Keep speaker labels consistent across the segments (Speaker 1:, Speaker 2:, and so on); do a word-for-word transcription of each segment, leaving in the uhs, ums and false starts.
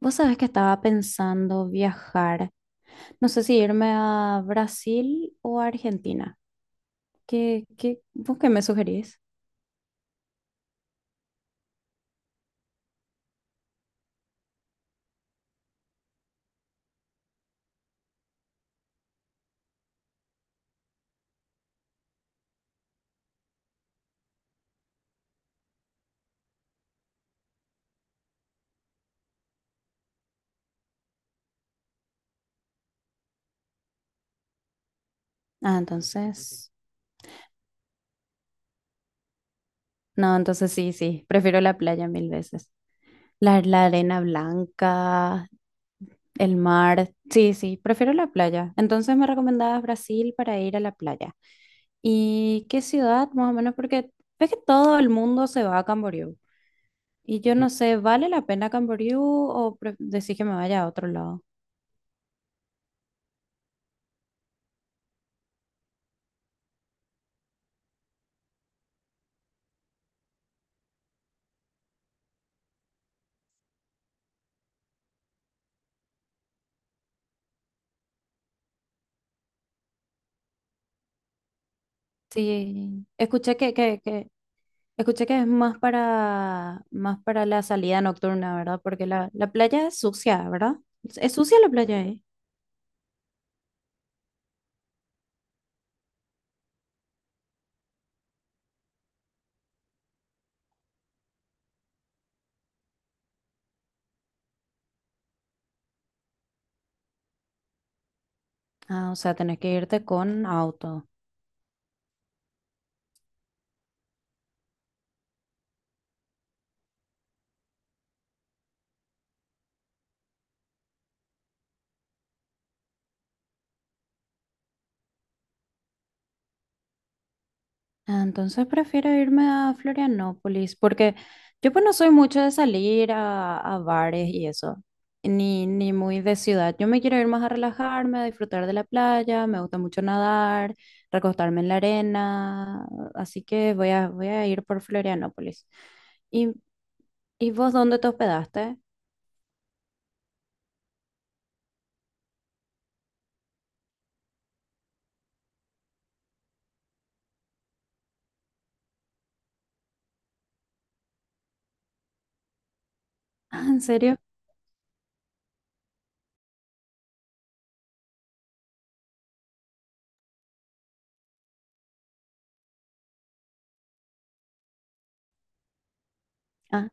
Speaker 1: Vos sabés que estaba pensando viajar, no sé si irme a Brasil o a Argentina. ¿Qué, qué, vos qué me sugerís? Ah, entonces, no, entonces sí, sí, prefiero la playa mil veces. La, la arena blanca, el mar, sí, sí, prefiero la playa. Entonces me recomendabas Brasil para ir a la playa. ¿Y qué ciudad, más o menos? Porque ves que todo el mundo se va a Camboriú. Y yo no sé, ¿vale la pena Camboriú o pre- decís que me vaya a otro lado? Sí, escuché que, que, que, escuché que es más para, más para la salida nocturna, ¿verdad? Porque la, la playa es sucia, ¿verdad? ¿Es es sucia la playa ahí? Ah, o sea, tenés que irte con auto. Ah, entonces prefiero irme a Florianópolis porque yo pues no soy mucho de salir a, a bares y eso, ni, ni muy de ciudad. Yo me quiero ir más a relajarme, a disfrutar de la playa, me gusta mucho nadar, recostarme en la arena, así que voy a, voy a ir por Florianópolis. ¿Y, y vos dónde te hospedaste? Ah, ¿en serio? Ah.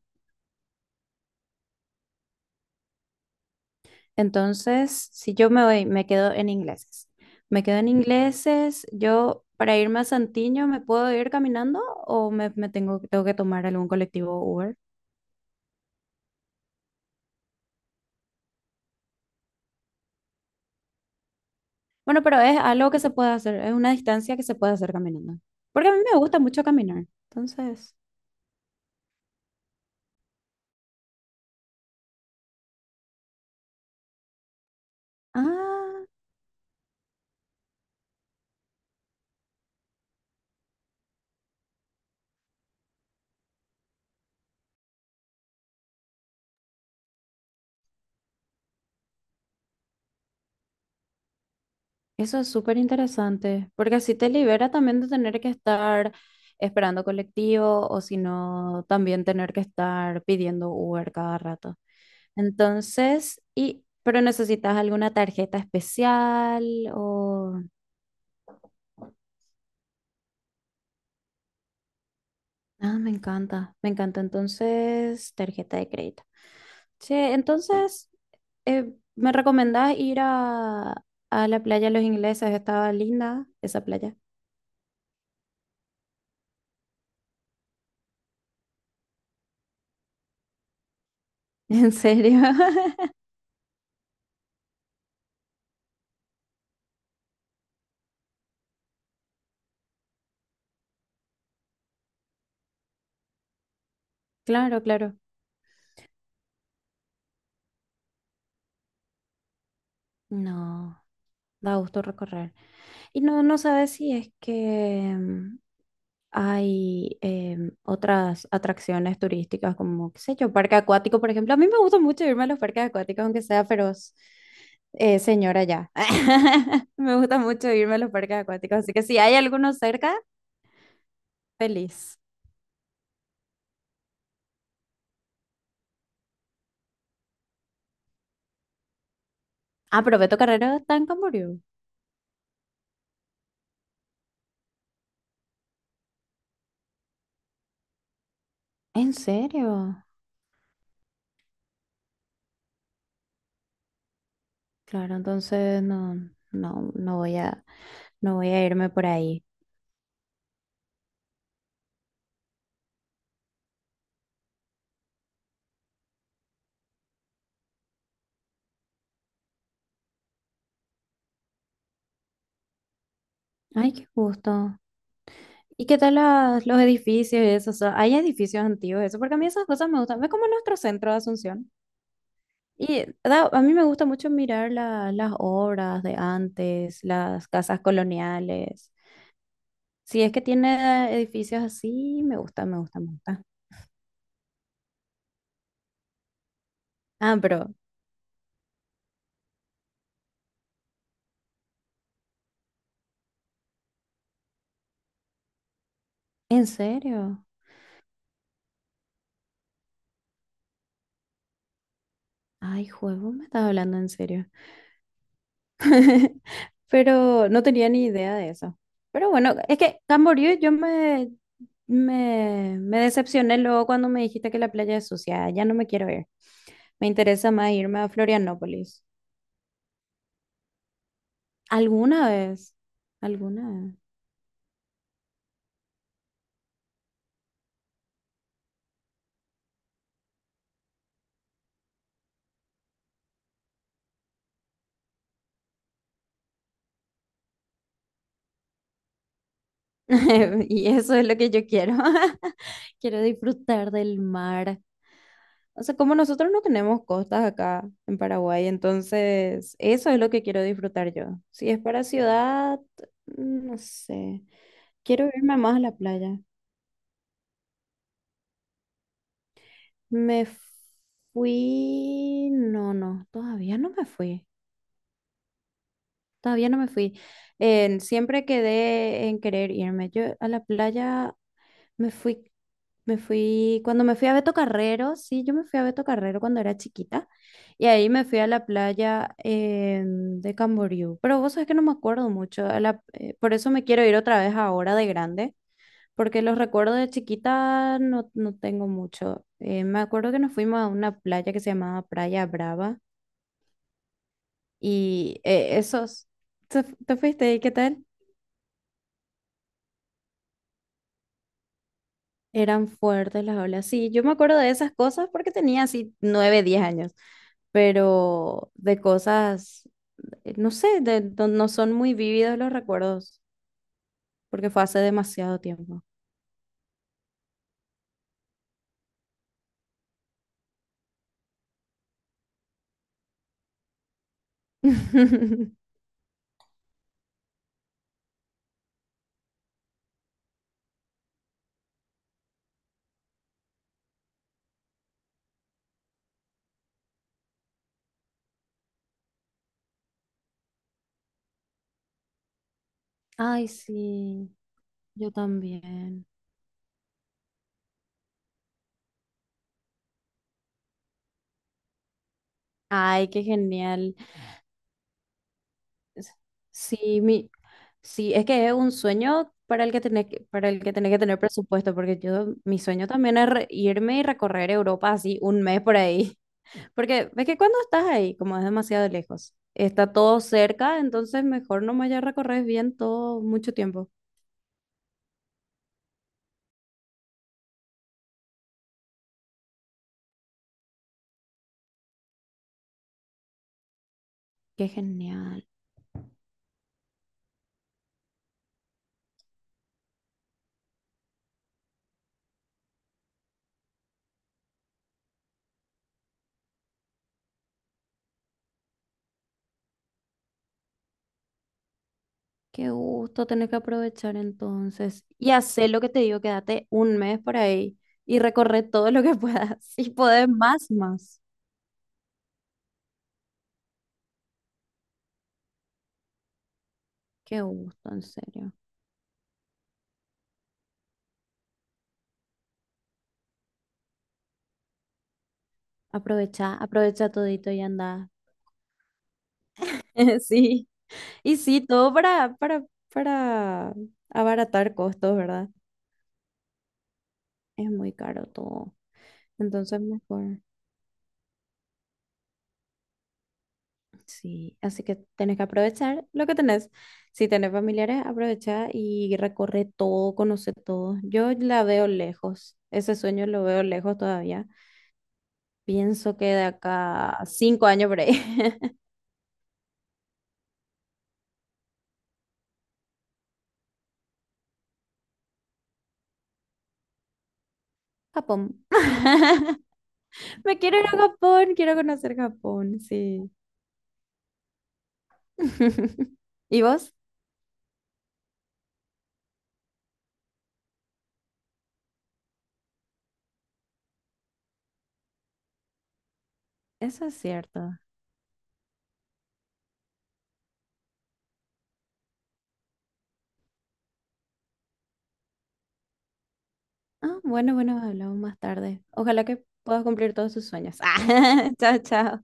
Speaker 1: Entonces, si yo me voy, me quedo en Ingleses. Me quedo en Ingleses, yo para irme a Santiño, ¿me puedo ir caminando o me, me tengo, tengo que tomar algún colectivo o Uber? Bueno, pero es algo que se puede hacer, es una distancia que se puede hacer caminando. Porque a mí me gusta mucho caminar. Entonces, ah. Eso es súper interesante, porque así te libera también de tener que estar esperando colectivo o si no, también tener que estar pidiendo Uber cada rato. Entonces, y, pero necesitas alguna tarjeta especial o... Ah, me encanta, me encanta. Entonces, tarjeta de crédito. Che, entonces, eh, ¿me recomendás ir a, a la playa de los Ingleses? Estaba linda esa playa. ¿En serio? Claro, claro. No, da gusto recorrer. Y no, no sabes si es que mm, hay em, otras atracciones turísticas como, qué sé yo, parque acuático, por ejemplo. A mí me gusta mucho irme a los parques acuáticos, aunque sea feroz eh, señora ya. Me gusta mucho irme a los parques acuáticos, así que si hay alguno cerca, feliz. Ah, pero Beto Carrero está en Camboriú. ¿En serio? Claro, entonces no, no, no voy a, no voy a irme por ahí. Ay, qué gusto. ¿Y qué tal las- los edificios y eso? O sea, hay edificios antiguos, eso, porque a mí esas cosas me gustan. Es como nuestro centro de Asunción. Y da- a mí me gusta mucho mirar la- las obras de antes, las casas coloniales. Si es que tiene edificios así, me gusta, me gusta, me gusta. Ah, pero, ¿en serio? Ay, juego, me estás hablando en serio. Pero no tenía ni idea de eso. Pero bueno, es que Camboriú yo me, me, me decepcioné luego cuando me dijiste que la playa es sucia. Ya no me quiero ir. Me interesa más irme a Florianópolis. ¿Alguna vez? ¿Alguna vez? Y eso es lo que yo quiero. Quiero disfrutar del mar. O sea, como nosotros no tenemos costas acá en Paraguay, entonces eso es lo que quiero disfrutar yo. Si es para ciudad, no sé. Quiero irme más a la playa. Me fui... No, no, todavía no me fui. Todavía no me fui. En- siempre quedé en querer irme. Yo a la playa me fui, me fui, cuando me fui a Beto Carrero, sí, yo me fui a Beto Carrero cuando era chiquita. Y ahí me fui a la playa em, de Camboriú. Pero vos sabés que no me acuerdo mucho. A la- eh, por eso me quiero ir otra vez ahora de grande. Porque los recuerdos de chiquita no, no tengo mucho. Eh, me acuerdo que nos fuimos a una playa que se llamaba Playa Brava y eh, esos, ¿te, fu- te fuiste y qué tal? Eran fuertes las olas. Sí, yo me acuerdo de esas cosas porque tenía así nueve, diez años, pero de cosas, eh, no sé, de- no, no son muy vívidos los recuerdos porque fue hace demasiado tiempo. Ay, sí, yo también. Ay, qué genial. S- Sí, mi, sí, es que es un sueño para el que tenés que, para el que tenés que tener presupuesto, porque yo, mi sueño también es re- irme y recorrer Europa así un mes por ahí. Porque ves que cuando estás ahí, como es demasiado lejos, está todo cerca, entonces mejor nomás ya recorres bien todo mucho tiempo. Qué genial. Qué gusto, tenés que aprovechar entonces y hacer lo que te digo, quédate un mes por ahí y recorre todo lo que puedas. Si podés más, más. Qué gusto, en serio. Aprovecha, aprovecha todito y anda. Sí, y sí, todo para, para, para abaratar costos, ¿verdad? Es muy caro todo, entonces mejor. Sí, así que tenés que aprovechar lo que tenés. Si tenés familiares, aprovecha y recorre todo, conoce todo. Yo la veo lejos, ese sueño lo veo lejos todavía. Pienso que de acá a cinco años por ahí. Japón. Me quiero ir a Japón, quiero conocer Japón, sí. ¿Y vos? Eso es cierto. Ah, bueno, bueno, hablamos más tarde. Ojalá que puedas cumplir todos tus sueños. Ah, chao, chao.